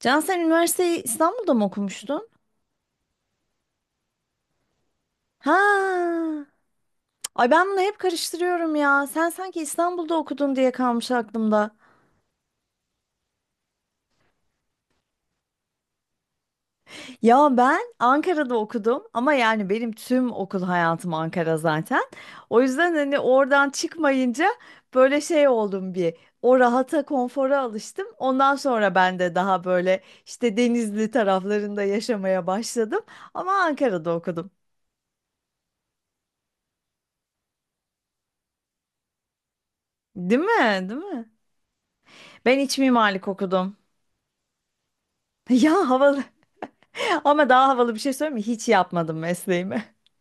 Can sen üniversiteyi İstanbul'da mı okumuştun? Ha. Ay ben bunu hep karıştırıyorum ya. Sen sanki İstanbul'da okudun diye kalmış aklımda. Ya ben Ankara'da okudum ama yani benim tüm okul hayatım Ankara zaten. O yüzden hani oradan çıkmayınca böyle şey oldum bir. O rahata, konfora alıştım. Ondan sonra ben de daha böyle işte Denizli taraflarında yaşamaya başladım. Ama Ankara'da okudum. Değil mi? Değil mi? Ben iç mimarlık okudum. Ya havalı. Ama daha havalı bir şey söyleyeyim mi? Hiç yapmadım mesleğimi.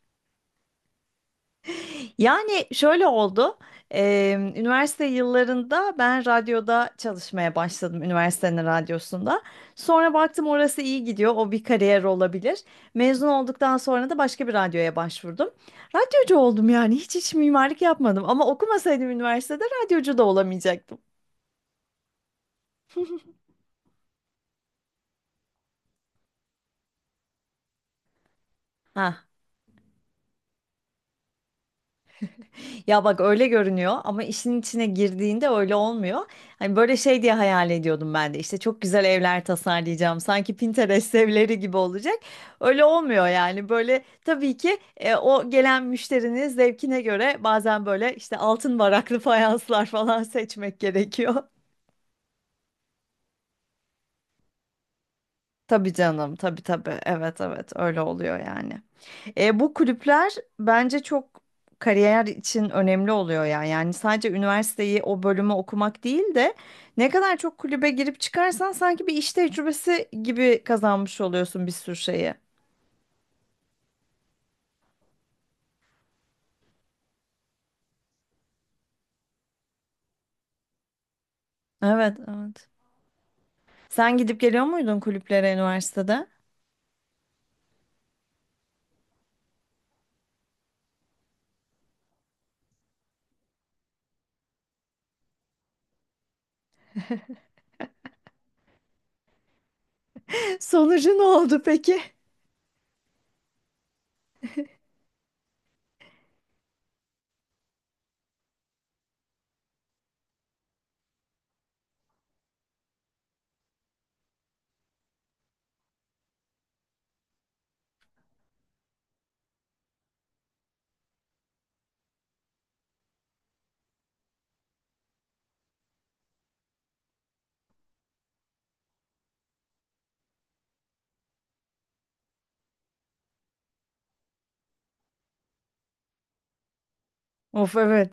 Yani şöyle oldu. Üniversite yıllarında ben radyoda çalışmaya başladım. Üniversitenin radyosunda. Sonra baktım orası iyi gidiyor. O bir kariyer olabilir. Mezun olduktan sonra da başka bir radyoya başvurdum. Radyocu oldum yani. Hiç mimarlık yapmadım. Ama okumasaydım üniversitede radyocu da olamayacaktım. Ha. Ya bak öyle görünüyor ama işin içine girdiğinde öyle olmuyor. Hani böyle şey diye hayal ediyordum ben de işte çok güzel evler tasarlayacağım sanki Pinterest evleri gibi olacak. Öyle olmuyor yani böyle tabii ki o gelen müşterinin zevkine göre bazen böyle işte altın varaklı fayanslar falan seçmek gerekiyor. Tabii canım, tabii tabii, evet evet, öyle oluyor yani. Bu kulüpler bence çok kariyer için önemli oluyor ya. Yani sadece üniversiteyi o bölümü okumak değil de ne kadar çok kulübe girip çıkarsan sanki bir iş tecrübesi gibi kazanmış oluyorsun bir sürü şeyi. Evet, evet. Sen gidip geliyor muydun kulüplere üniversitede? Sonucu ne oldu peki? Of evet.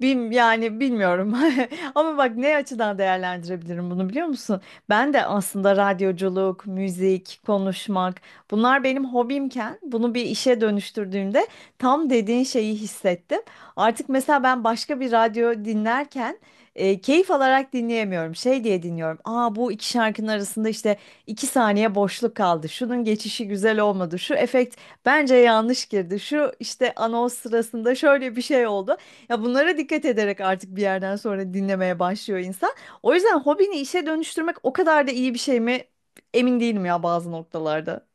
Yani bilmiyorum. Ama bak ne açıdan değerlendirebilirim bunu biliyor musun? Ben de aslında radyoculuk, müzik, konuşmak bunlar benim hobimken bunu bir işe dönüştürdüğümde tam dediğin şeyi hissettim. Artık mesela ben başka bir radyo dinlerken keyif alarak dinleyemiyorum. Şey diye dinliyorum. Aa, bu iki şarkının arasında işte iki saniye boşluk kaldı. Şunun geçişi güzel olmadı. Şu efekt bence yanlış girdi. Şu işte anons sırasında şöyle bir şey oldu. Ya bunlara dikkat ederek artık bir yerden sonra dinlemeye başlıyor insan. O yüzden hobini işe dönüştürmek o kadar da iyi bir şey mi? Emin değilim ya bazı noktalarda.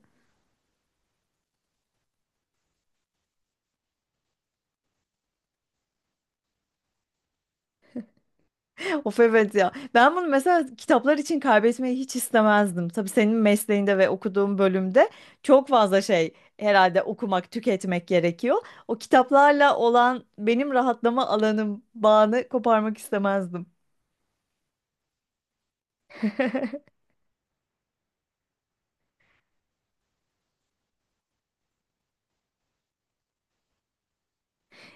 Of evet ya. Ben bunu mesela kitaplar için kaybetmeyi hiç istemezdim. Tabii senin mesleğinde ve okuduğun bölümde çok fazla şey herhalde okumak, tüketmek gerekiyor. O kitaplarla olan benim rahatlama alanım, bağını koparmak istemezdim.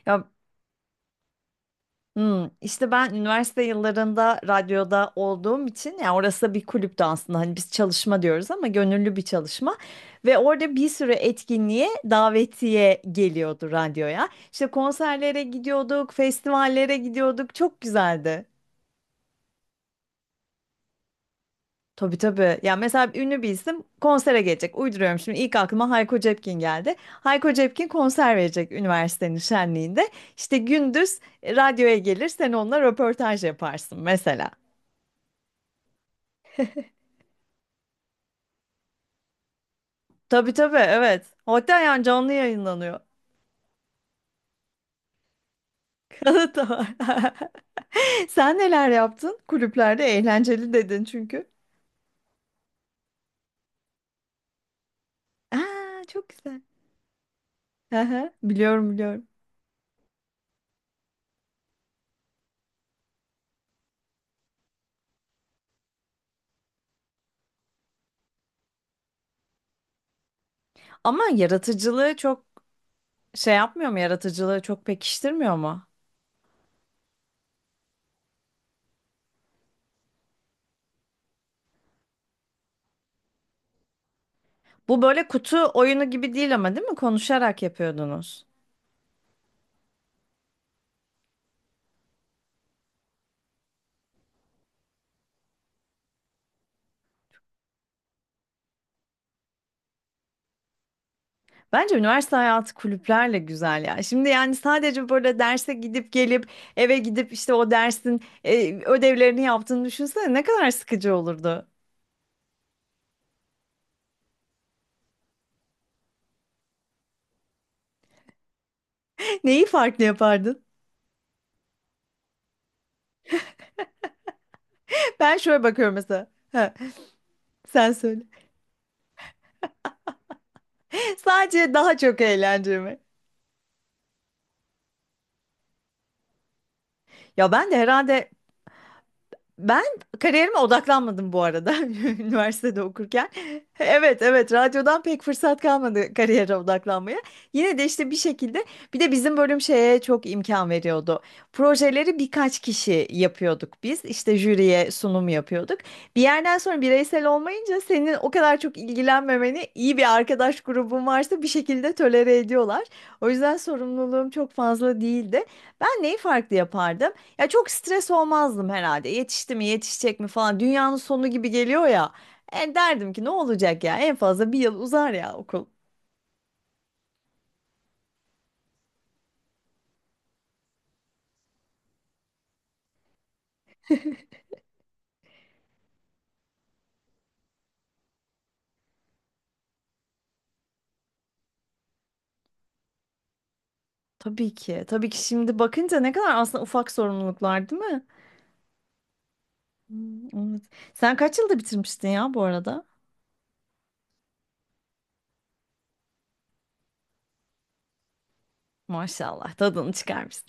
Ya. İşte ben üniversite yıllarında radyoda olduğum için yani orası da bir kulüptü aslında, hani biz çalışma diyoruz ama gönüllü bir çalışma ve orada bir sürü etkinliğe davetiye geliyordu radyoya. İşte konserlere gidiyorduk, festivallere gidiyorduk, çok güzeldi. Tabii tabii ya, mesela ünlü bir isim konsere gelecek, uyduruyorum şimdi, ilk aklıma Hayko Cepkin geldi. Hayko Cepkin konser verecek üniversitenin şenliğinde. İşte gündüz radyoya gelir, sen onunla röportaj yaparsın mesela. Tabii tabii, evet. Hatta yani canlı yayınlanıyor. Kanıt da var. Sen neler yaptın? Kulüplerde eğlenceli dedin çünkü. Aa, çok güzel. Aha, biliyorum biliyorum. Ama yaratıcılığı çok şey yapmıyor mu? Yaratıcılığı çok pekiştirmiyor mu? Bu böyle kutu oyunu gibi değil ama, değil mi? Konuşarak yapıyordunuz. Bence üniversite hayatı kulüplerle güzel ya. Şimdi yani sadece böyle derse gidip gelip eve gidip işte o dersin ödevlerini yaptığını düşünsene, ne kadar sıkıcı olurdu. Neyi farklı yapardın? Ben şöyle bakıyorum mesela. Ha, sen söyle. Sadece daha çok eğlenceli mi? Ya ben de herhalde. Ben kariyerime odaklanmadım bu arada üniversitede okurken. Evet evet, radyodan pek fırsat kalmadı kariyere odaklanmaya. Yine de işte bir şekilde bir de bizim bölüm şeye çok imkan veriyordu. Projeleri birkaç kişi yapıyorduk biz. İşte jüriye sunum yapıyorduk. Bir yerden sonra bireysel olmayınca senin o kadar çok ilgilenmemeni, iyi bir arkadaş grubun varsa, bir şekilde tolere ediyorlar. O yüzden sorumluluğum çok fazla değildi. Ben neyi farklı yapardım? Ya çok stres olmazdım herhalde. Yetişti mi, yetişecek mi falan. Dünyanın sonu gibi geliyor ya. Derdim ki ne olacak ya? En fazla bir yıl uzar ya okul. Tabii ki. Tabii ki, şimdi bakınca ne kadar aslında ufak sorumluluklar, değil mi? Hmm, evet. Sen kaç yılda bitirmiştin ya bu arada? Maşallah, tadını çıkarmışsın.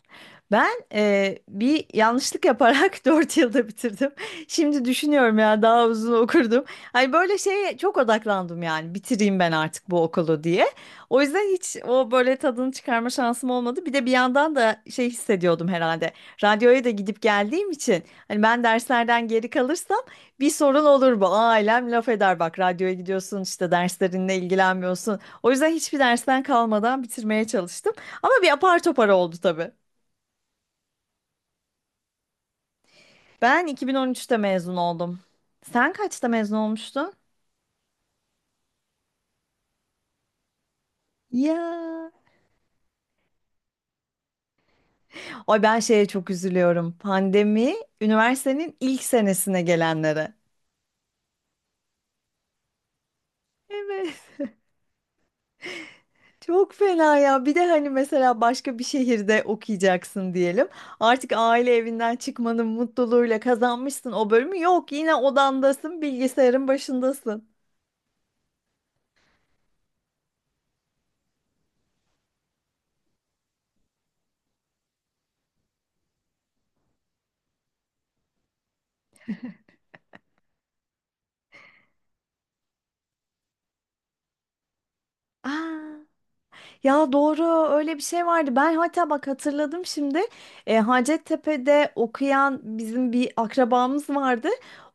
Ben bir yanlışlık yaparak 4 yılda bitirdim. Şimdi düşünüyorum ya, daha uzun okurdum. Hani böyle şeye çok odaklandım yani, bitireyim ben artık bu okulu diye. O yüzden hiç o böyle tadını çıkarma şansım olmadı. Bir de bir yandan da şey hissediyordum herhalde. Radyoya da gidip geldiğim için hani ben derslerden geri kalırsam bir sorun olur bu. Ailem laf eder, bak radyoya gidiyorsun işte, derslerinle ilgilenmiyorsun. O yüzden hiçbir dersten kalmadan bitirmeye çalıştım. Ama bir apar topar oldu tabii. Ben 2013'te mezun oldum. Sen kaçta mezun olmuştun? Ya. Ay ben şeye çok üzülüyorum. Pandemi üniversitenin ilk senesine gelenlere. Evet. Çok fena ya. Bir de hani mesela başka bir şehirde okuyacaksın diyelim. Artık aile evinden çıkmanın mutluluğuyla kazanmışsın o bölümü. Yok, yine odandasın, bilgisayarın başındasın. Aa. Ya doğru, öyle bir şey vardı. Ben hatta bak hatırladım şimdi. Hacettepe'de okuyan bizim bir akrabamız vardı.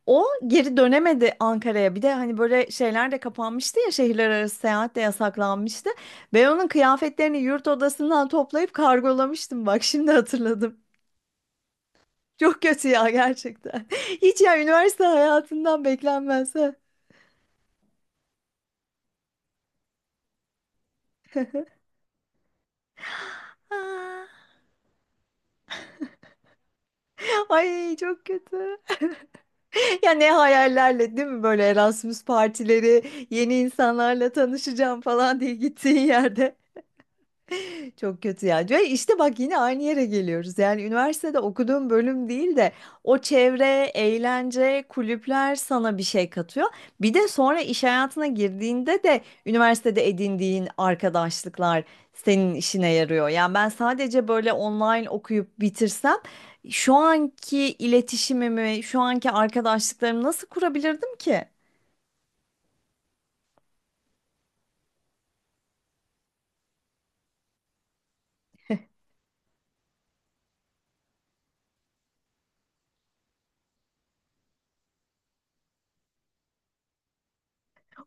O geri dönemedi Ankara'ya. Bir de hani böyle şeyler de kapanmıştı ya, şehirler arası seyahat de yasaklanmıştı. Ben onun kıyafetlerini yurt odasından toplayıp kargolamıştım. Bak şimdi hatırladım. Çok kötü ya gerçekten. Hiç ya, üniversite hayatından beklenmez. Ha. Ay çok kötü. Ya ne hayallerle, değil mi, böyle Erasmus partileri, yeni insanlarla tanışacağım falan diye gittiğin yerde. Çok kötü ya. Ve işte bak, yine aynı yere geliyoruz. Yani üniversitede okuduğum bölüm değil de o çevre, eğlence, kulüpler sana bir şey katıyor. Bir de sonra iş hayatına girdiğinde de üniversitede edindiğin arkadaşlıklar senin işine yarıyor. Yani ben sadece böyle online okuyup bitirsem şu anki iletişimimi, şu anki arkadaşlıklarımı nasıl kurabilirdim ki?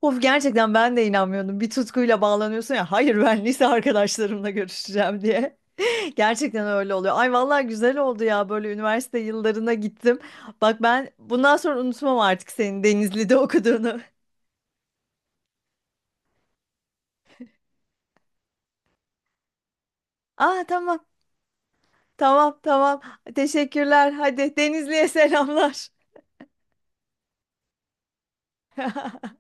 Of gerçekten, ben de inanmıyordum. Bir tutkuyla bağlanıyorsun ya. Hayır, ben lise arkadaşlarımla görüşeceğim diye. Gerçekten öyle oluyor. Ay vallahi güzel oldu ya, böyle üniversite yıllarına gittim. Bak ben bundan sonra unutmam artık senin Denizli'de okuduğunu. Aa tamam. Tamam tamam. Teşekkürler. Hadi Denizli'ye selamlar.